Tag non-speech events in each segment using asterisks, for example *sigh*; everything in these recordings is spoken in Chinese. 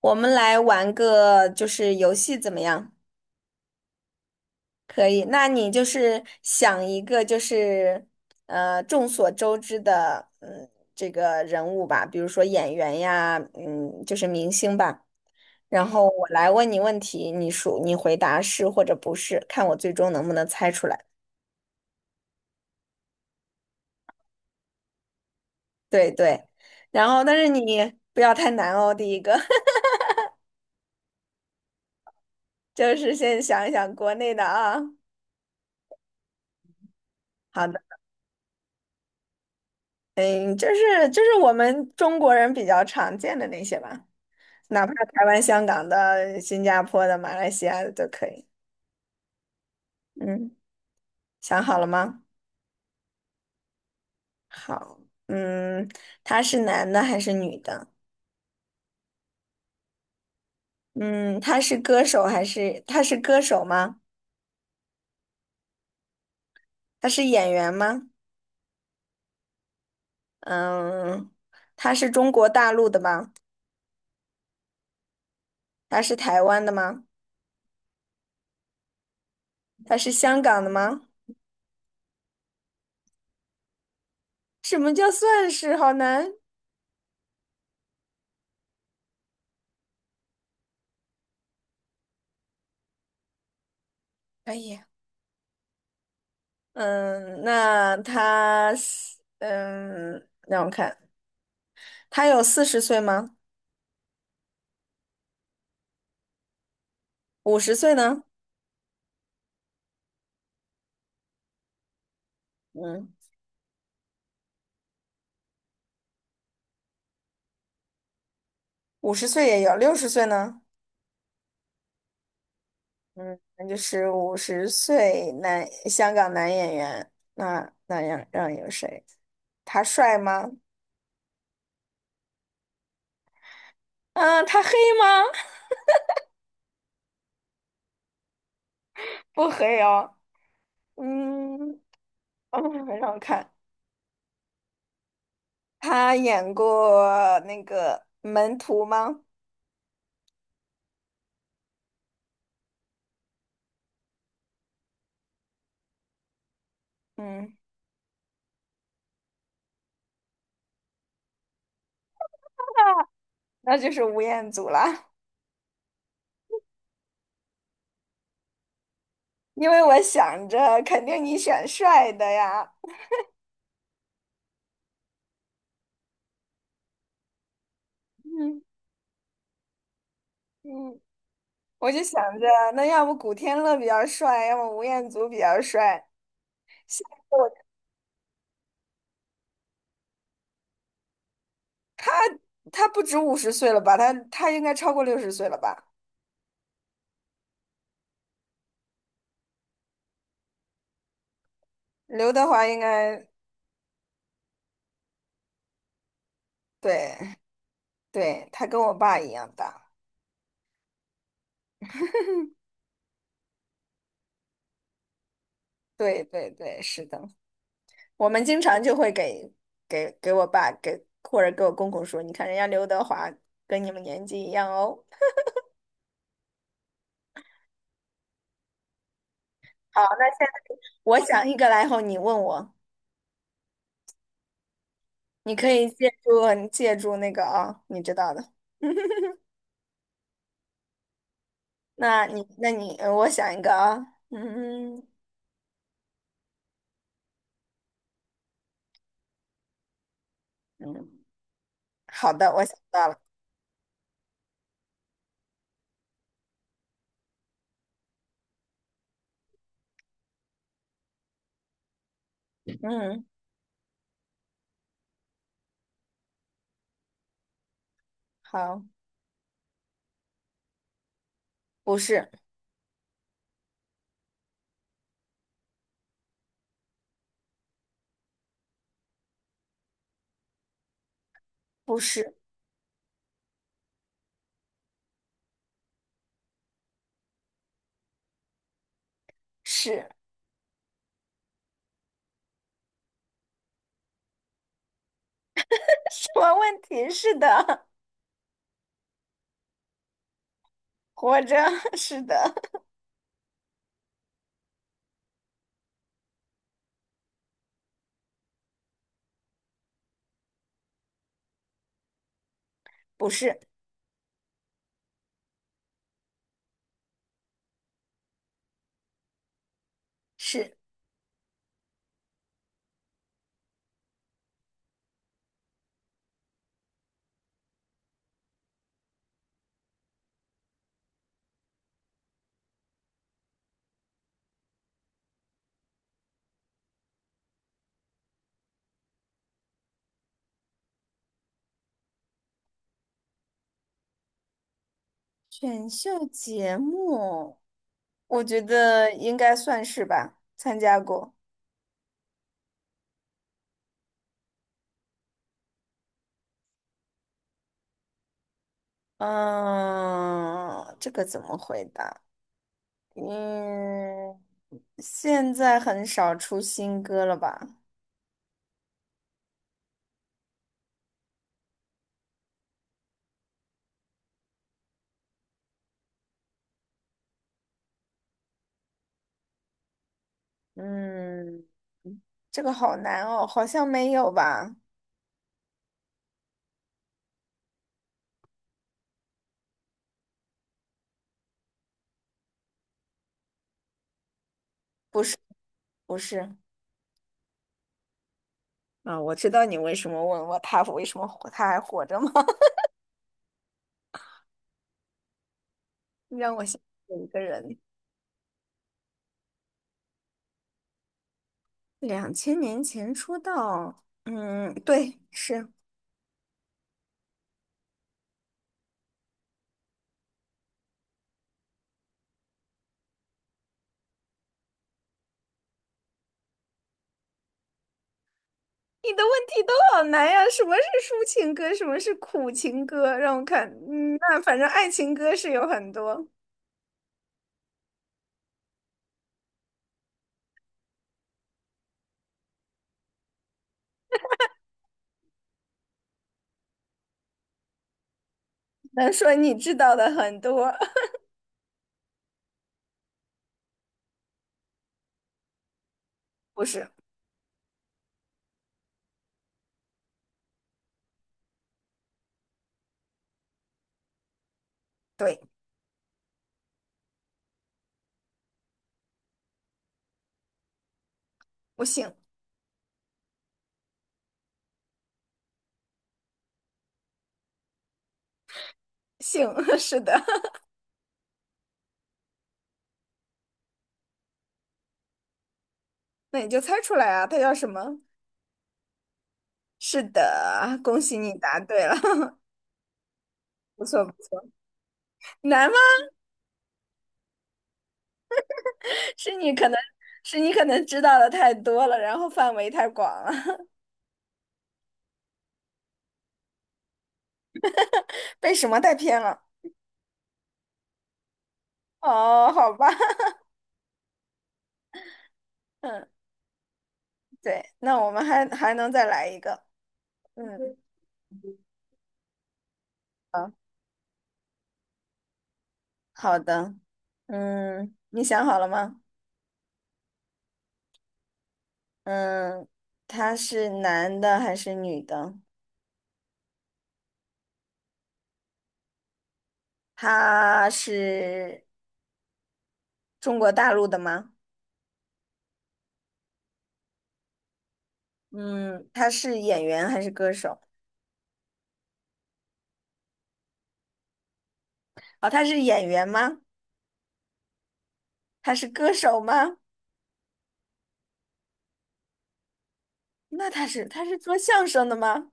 我们来玩个游戏怎么样？可以，那你想一个众所周知的这个人物吧，比如说演员呀，就是明星吧。然后我来问你问题，你数你回答是或者不是，看我最终能不能猜出来。对，然后但是你不要太难哦，第一个 *laughs* 就是先想一想国内的啊。好的。嗯，就是我们中国人比较常见的那些吧，哪怕台湾、香港的、新加坡的、马来西亚的都可以。嗯，想好了吗？好，嗯，他是男的还是女的？嗯，他是歌手吗？他是演员吗？嗯，他是中国大陆的吗？他是台湾的吗？他是香港的吗？什么叫算是？好难。可以。嗯，那他是嗯，让我看，他有40岁吗？五十岁呢？嗯，五十岁也有，六十岁呢？嗯，那就是五十岁男香港男演员。那那样让有谁？他帅吗？嗯，他黑吗？*laughs* 不黑哦。嗯，让我看，他演过那个门徒吗？嗯，那就是吴彦祖啦。因为我想着肯定你选帅的呀，嗯嗯，我就想着那要不古天乐比较帅，要么吴彦祖比较帅。我他不止五十岁了吧？他应该超过六十岁了吧？刘德华应该对对，他跟我爸一样大。对对对，是的，我们经常就会给给我爸给或者给我公公说，你看人家刘德华跟你们年纪一样哦。好，那现在我想一个来后，你问我。你可以借助那个啊，你知道的。那你我想一个啊，嗯，好的，我想到了，嗯，好，不是不是,是 *laughs* 什么问题？是的，活着 *laughs* 是的，不是是选秀节目，我觉得应该算是吧，参加过。嗯，这个怎么回答？嗯，现在很少出新歌了吧？嗯，这个好难哦，好像没有吧？不是，啊，我知道你为什么问我他为什么活他还活着吗？*laughs* 让我想有一个人，2000年前出道，嗯，对，是。你的问题都好难呀，什么是抒情歌，什么是苦情歌？让我看，嗯，那反正爱情歌是有很多，能说你知道的很多，*laughs* 不是。对。我姓姓 *laughs* 是的，*laughs* 那你就猜出来啊，他叫什么？是的，恭喜你答对了，*laughs* 不错不错，难吗？是你可能是你可能知道的太多了，然后范围太广了，*laughs* 被什么带偏了？哦，好吧，*laughs* 嗯，对，那我们还能再来一个，嗯，好，好的，嗯，你想好了吗？嗯，他是男的还是女的？他是中国大陆的吗？嗯，他是演员还是歌手？哦，他是演员吗？他是歌手吗？那他是做相声的吗？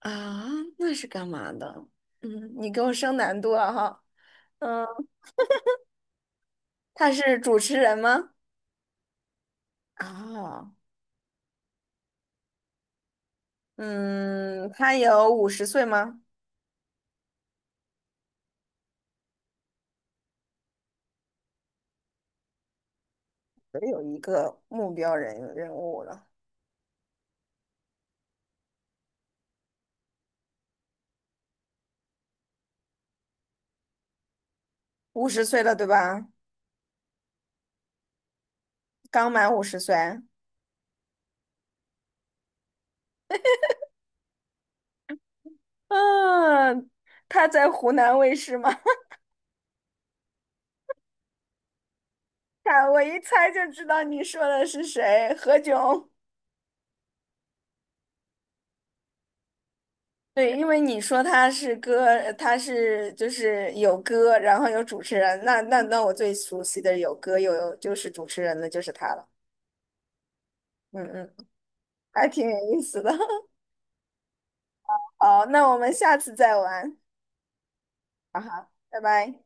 啊，那是干嘛的？嗯，你给我升难度了哈。嗯，他是主持人吗？啊，嗯，他有五十岁吗？我有一个目标人物了，五十岁了对吧？刚满五十岁。嗯，他在湖南卫视吗？看，我一猜就知道你说的是谁，何炅。对，因为你说他是有歌，然后有主持人，那我最熟悉的有歌又有主持人的就是他了。嗯嗯，还挺有意思的。*laughs* 好，那我们下次再玩。啊哈，拜拜。